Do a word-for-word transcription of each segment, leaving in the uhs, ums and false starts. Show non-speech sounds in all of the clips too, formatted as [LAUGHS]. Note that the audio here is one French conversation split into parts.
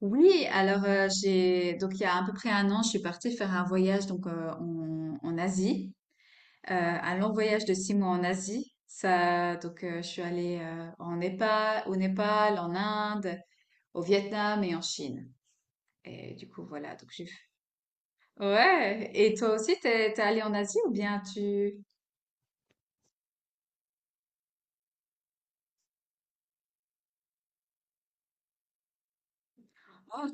Oui, alors euh, j'ai donc il y a à peu près un an, je suis partie faire un voyage donc euh, en, en Asie, euh, un long voyage de six mois en Asie. Ça, donc euh, je suis allée euh, en Népal, au Népal, en Inde, au Vietnam et en Chine. Et du coup voilà, donc j'ai. Ouais. Et toi aussi, t'es t'es allée en Asie ou bien tu? Oh,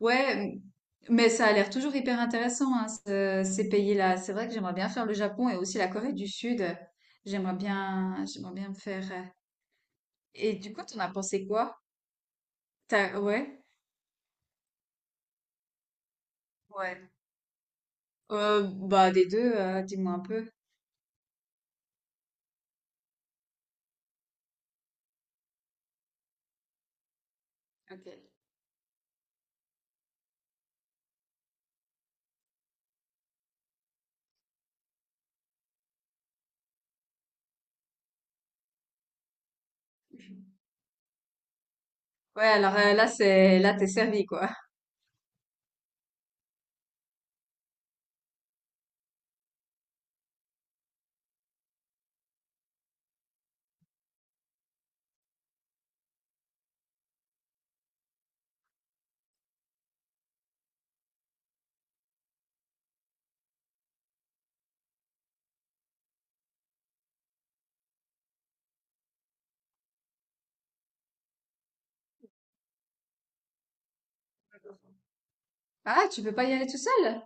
ouais, mais ça a l'air toujours hyper intéressant, hein, ce- ces pays-là. C'est vrai que j'aimerais bien faire le Japon et aussi la Corée du Sud. J'aimerais bien, j'aimerais bien me faire. euh, Et du coup, t'en as pensé quoi? T'as- Ouais, ouais. Euh, bah des deux, euh, dis-moi un peu. Ok. Ouais, alors euh, là c'est, là t'es servi quoi. [LAUGHS] Ah, tu peux pas y aller tout seul?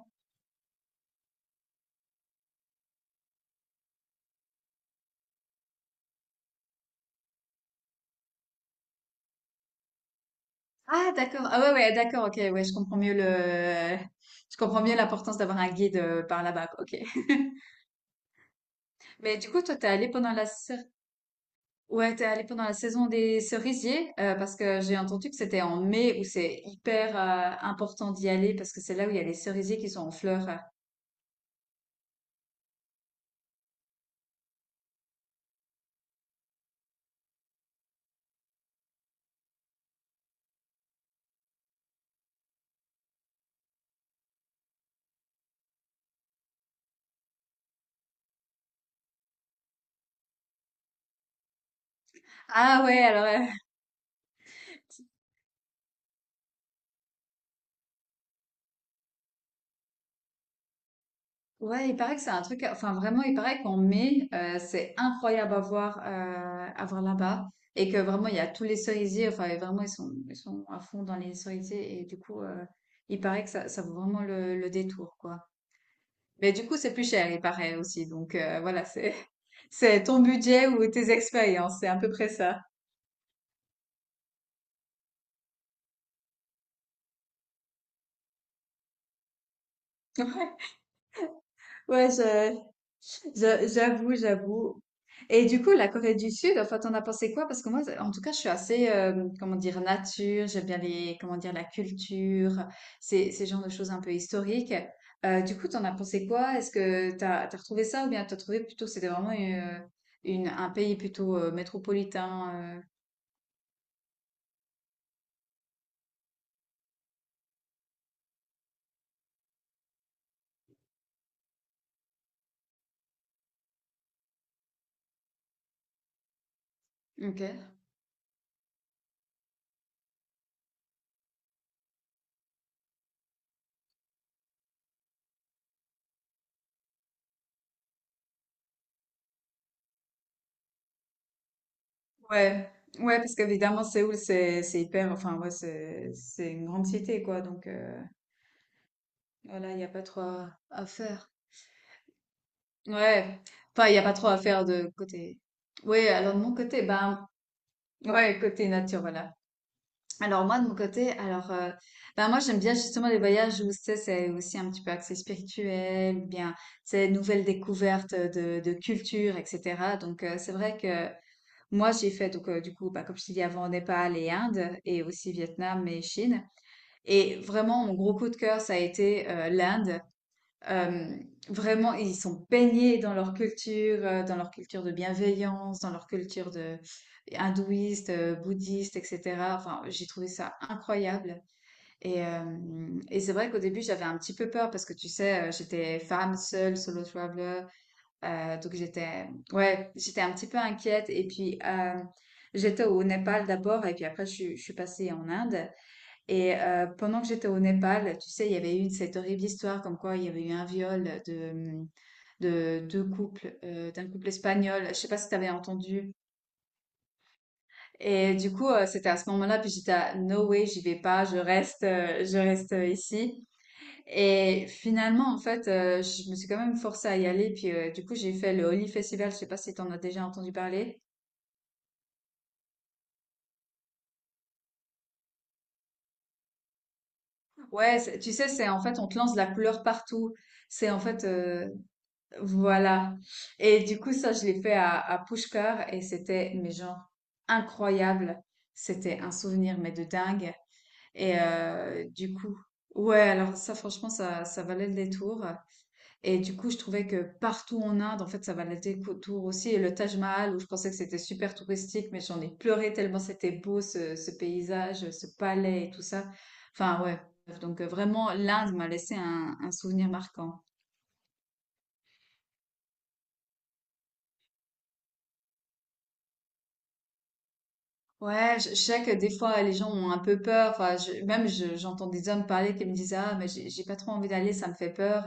Ah, d'accord. Ah ouais, ouais, d'accord. Ok, ouais, je comprends mieux le, je comprends mieux l'importance d'avoir un guide euh, par là-bas, quoi. Ok. [LAUGHS] Mais du coup, toi, t'es allé pendant la ouais, t'es allé pendant la saison des cerisiers, euh, parce que j'ai entendu que c'était en mai où c'est hyper euh, important d'y aller parce que c'est là où il y a les cerisiers qui sont en fleurs. euh. Ah ouais, alors euh, ouais, il paraît que c'est un truc, enfin vraiment, il paraît qu'en mai, euh, c'est incroyable à voir, euh, à voir là-bas et que vraiment il y a tous les cerisiers, enfin et vraiment ils sont ils sont à fond dans les cerisiers et du coup euh, il paraît que ça ça vaut vraiment le, le détour quoi. Mais du coup, c'est plus cher, il paraît aussi. Donc euh, voilà, c'est [LAUGHS] c'est ton budget ou tes expériences, c'est à peu près ça. [LAUGHS] Ouais, je- je- j'avoue, j'avoue. Et du coup, la Corée du Sud, enfin, t'en as pensé quoi? Parce que moi, en tout cas, je suis assez, euh, comment dire, nature. J'aime bien les, comment dire, la culture, ces, ces genres de choses un peu historiques. Euh, du coup, t'en as pensé quoi? Est-ce que t'as, t'as retrouvé ça ou bien t'as trouvé plutôt que c'était vraiment une, une- un pays plutôt euh, métropolitain? euh, Ok. Ouais, ouais, parce qu'évidemment, Séoul, c'est c'est hyper, enfin, ouais, c'est c'est une grande cité, quoi. Donc, euh, voilà, il n'y a pas trop à, à faire. Ouais, enfin, il n'y a pas trop à faire de côté. Oui, alors de mon côté, ben, ouais, côté nature, voilà. Alors, moi, de mon côté, alors, euh, ben, moi, j'aime bien justement les voyages où, tu sais, c'est aussi un petit peu axé spirituel, bien, c'est nouvelles découvertes de, de culture, et cetera. Donc, euh, c'est vrai que. Moi, j'ai fait donc heu, du coup, bah, comme je t'ai dit avant, Népal et Inde et aussi Vietnam et Chine et vraiment mon gros coup de cœur, ça a été, heu, l'Inde. Hem, vraiment, ils sont baignés dans leur culture, heu, dans leur culture de bienveillance, dans leur culture de hindouiste, heu, bouddhiste et cetera. Enfin, j'ai trouvé ça incroyable et hem et c'est vrai qu'au début, j'avais un petit peu peur parce que tu sais, heu, j'étais femme seule, solo traveler euh, donc j'étais, ouais, j'étais un petit peu inquiète. Et puis euh, j'étais au Népal d'abord, et puis après je, suis- je suis passée en Inde. Et euh, pendant que j'étais au Népal, tu sais, il y avait eu cette horrible histoire comme quoi il y avait eu un viol de de deux couples, euh, d'un couple espagnol. Je sais pas si tu avais entendu. Et du coup, euh, c'était à ce moment-là, puis j'étais à no way, j'y vais pas, je reste, euh, je reste, euh, ici. Et finalement, en fait, euh, je me suis quand même forcée à y aller. Puis euh, du coup, j'ai fait le Holi Festival. Je sais pas si tu en as déjà entendu parler. Ouais, c'est- tu sais, c'est en fait, on te lance de la couleur partout. C'est en fait, euh, voilà. Et du coup, ça, je l'ai fait à, à Pushkar et c'était, mais genre, incroyable. C'était un souvenir, mais de dingue. Et euh, du coup, ouais, alors ça, franchement, ça, ça valait le détour. Et du coup, je trouvais que partout en Inde, en fait, ça valait autour aussi. Et le Taj Mahal, où je pensais que c'était super touristique, mais j'en ai pleuré tellement c'était beau ce, ce paysage, ce palais et tout ça. Enfin, ouais. Donc, euh, vraiment, l'Inde m'a laissé un, un souvenir marquant. Ouais, je, je sais que des fois les gens ont un peu peur. Enfin, je- même je- j'entends des hommes parler qui me disent ah mais j'ai j'ai pas trop envie d'aller, ça me fait peur.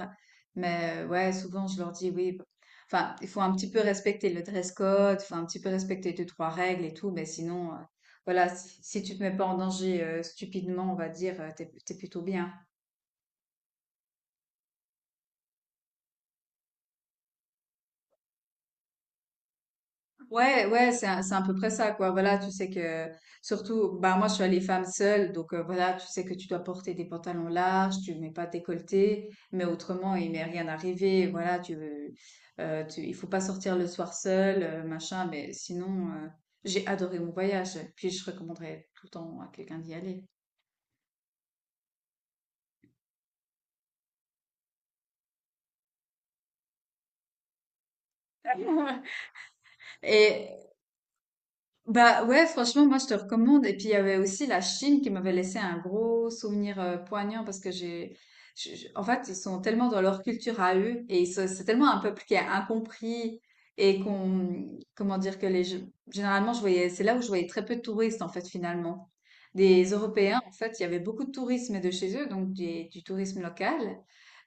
Mais euh, ouais, souvent je leur dis oui. bon.» Enfin, il faut un petit peu respecter le dress code, faut un petit peu respecter deux trois règles et tout. Mais sinon, euh, voilà, si, si tu te mets pas en danger euh, stupidement, on va dire, euh, t'es t'es plutôt bien. Ouais, ouais, c'est un- c'est à peu près ça, quoi. Voilà, tu sais que, surtout, bah, moi, je suis allée femme seule, donc euh, voilà, tu sais que tu dois porter des pantalons larges, tu mets pas de décolleté, mais autrement, il m'est rien arrivé. Voilà, tu, euh, tu, il faut pas sortir le soir seul, euh, machin, mais sinon, euh, j'ai adoré mon voyage, puis je recommanderais tout le temps à quelqu'un d'y aller. [LAUGHS] Et, Bah ouais, franchement, moi je te recommande. Et puis il y avait aussi la Chine qui m'avait laissé un gros souvenir euh, poignant parce que j'ai, je- je- en fait, ils sont tellement dans leur culture à eux et ils se- c'est tellement un peuple qui est incompris et qu'on, comment dire que les, gens- généralement je voyais, c'est là où je voyais très peu de touristes en fait finalement. Des Européens, en fait, il y avait beaucoup de tourisme de chez eux, donc des- du tourisme local,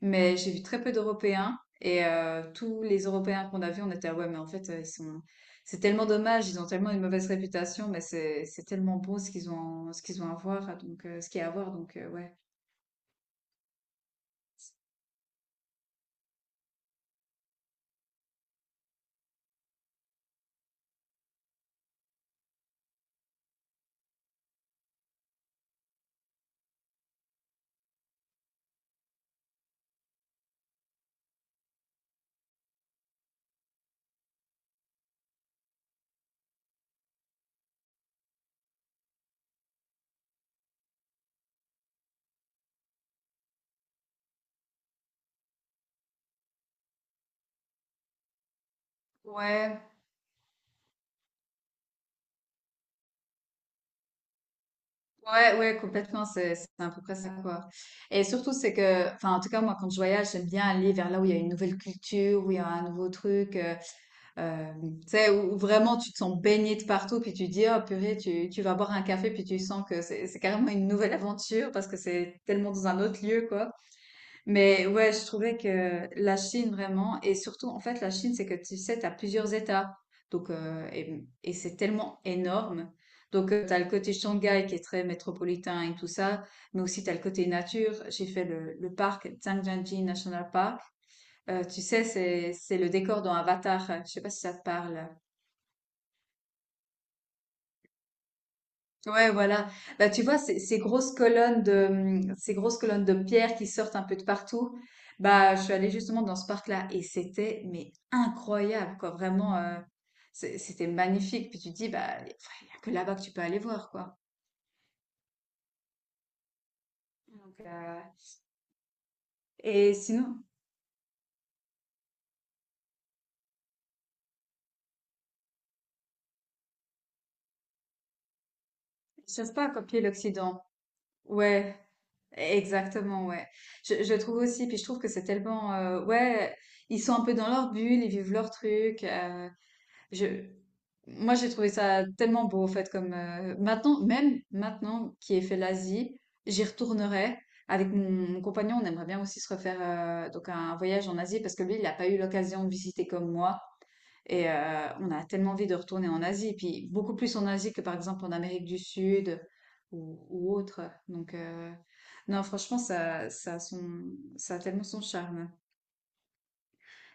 mais j'ai vu très peu d'Européens. Et euh, tous les Européens qu'on a vus, on était, ah ouais, mais en fait, euh, ils sont c'est tellement dommage, ils ont tellement une mauvaise réputation, mais c'est c'est tellement beau ce qu'ils ont ce qu'ils ont à voir, donc euh, ce qu'il y a à voir, donc euh, ouais. Ouais, ouais, ouais, complètement, c'est c'est à peu près ça quoi. Et surtout c'est que, enfin en tout cas moi quand je voyage, j'aime bien aller vers là où il y a une nouvelle culture, où il y a un nouveau truc, euh, euh, tu sais où, où vraiment tu te sens baigné de partout, puis tu dis oh purée, tu tu vas boire un café, puis tu sens que c'est c'est carrément une nouvelle aventure parce que c'est tellement dans un autre lieu quoi. Mais ouais, je trouvais que la Chine vraiment, et surtout en fait la Chine, c'est que tu sais, tu as plusieurs États, donc euh, et, et c'est tellement énorme. Donc tu as le côté Shanghai qui est très métropolitain et tout ça, mais aussi tu as le côté nature. J'ai fait le, le parc Zhangjiajie National Park. Euh, tu sais, c'est c'est le décor dans Avatar. Je sais pas si ça te parle. Ouais, voilà. Bah, tu vois, ces, ces grosses colonnes de, hum, ces grosses colonnes de pierre qui sortent un peu de partout. Bah, je suis allée justement dans ce parc-là et c'était, mais incroyable, quoi. Vraiment, euh, c'est- c'était magnifique. Puis tu te dis, bah, il n'y a que là-bas que tu peux aller voir, quoi. Donc, euh, et sinon, je cherche pas à copier l'Occident. Ouais, exactement, ouais. Je, je trouve aussi, puis je trouve que c'est tellement, euh, ouais, ils sont un peu dans leur bulle, ils vivent leur truc. euh, Je, moi, j'ai trouvé ça tellement beau, en fait, comme euh, maintenant, même maintenant qui est fait l'Asie, j'y retournerai. Avec mon, mon compagnon, on aimerait bien aussi se refaire euh, donc un voyage en Asie parce que lui, il n'a pas eu l'occasion de visiter comme moi. Et euh, on a tellement envie de retourner en Asie, puis beaucoup plus en Asie que par exemple en Amérique du Sud ou, ou autre. Donc, euh, non, franchement, ça, ça a son, ça a tellement son charme.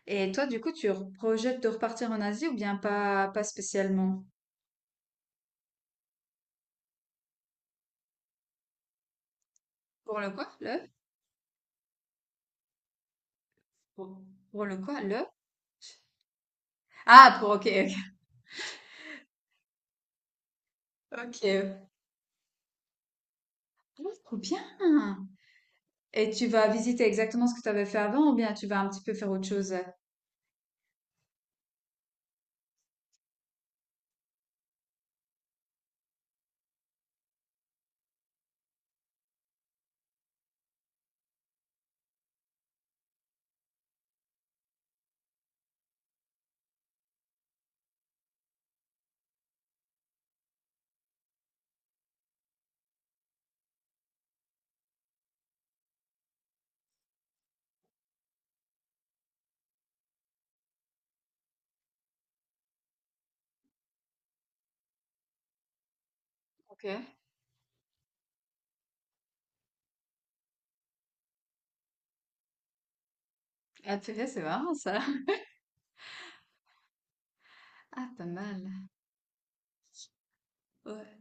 Et toi, du coup, tu re- projettes de repartir en Asie ou bien pas, pas spécialement? Pour le quoi? Le? Pour, pour le quoi? Le? Ah, pour, ok, ok. Ok. Oh, trop bien. Et tu vas visiter exactement ce que tu avais fait avant ou bien tu vas un petit peu faire autre chose? Ok. Ah, purée, c'est marrant ça. Ah, pas mal. Ouais.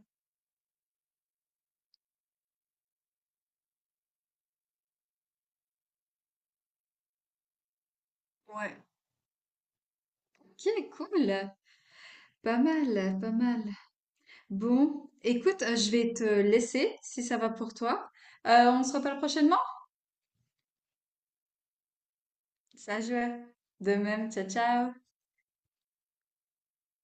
Ouais. Ok, cool. Pas mal, pas mal. Bon, écoute, euh, je vais te laisser si ça va pour toi. Euh, on se reparle prochainement? Ça joue. De même, ciao, ciao.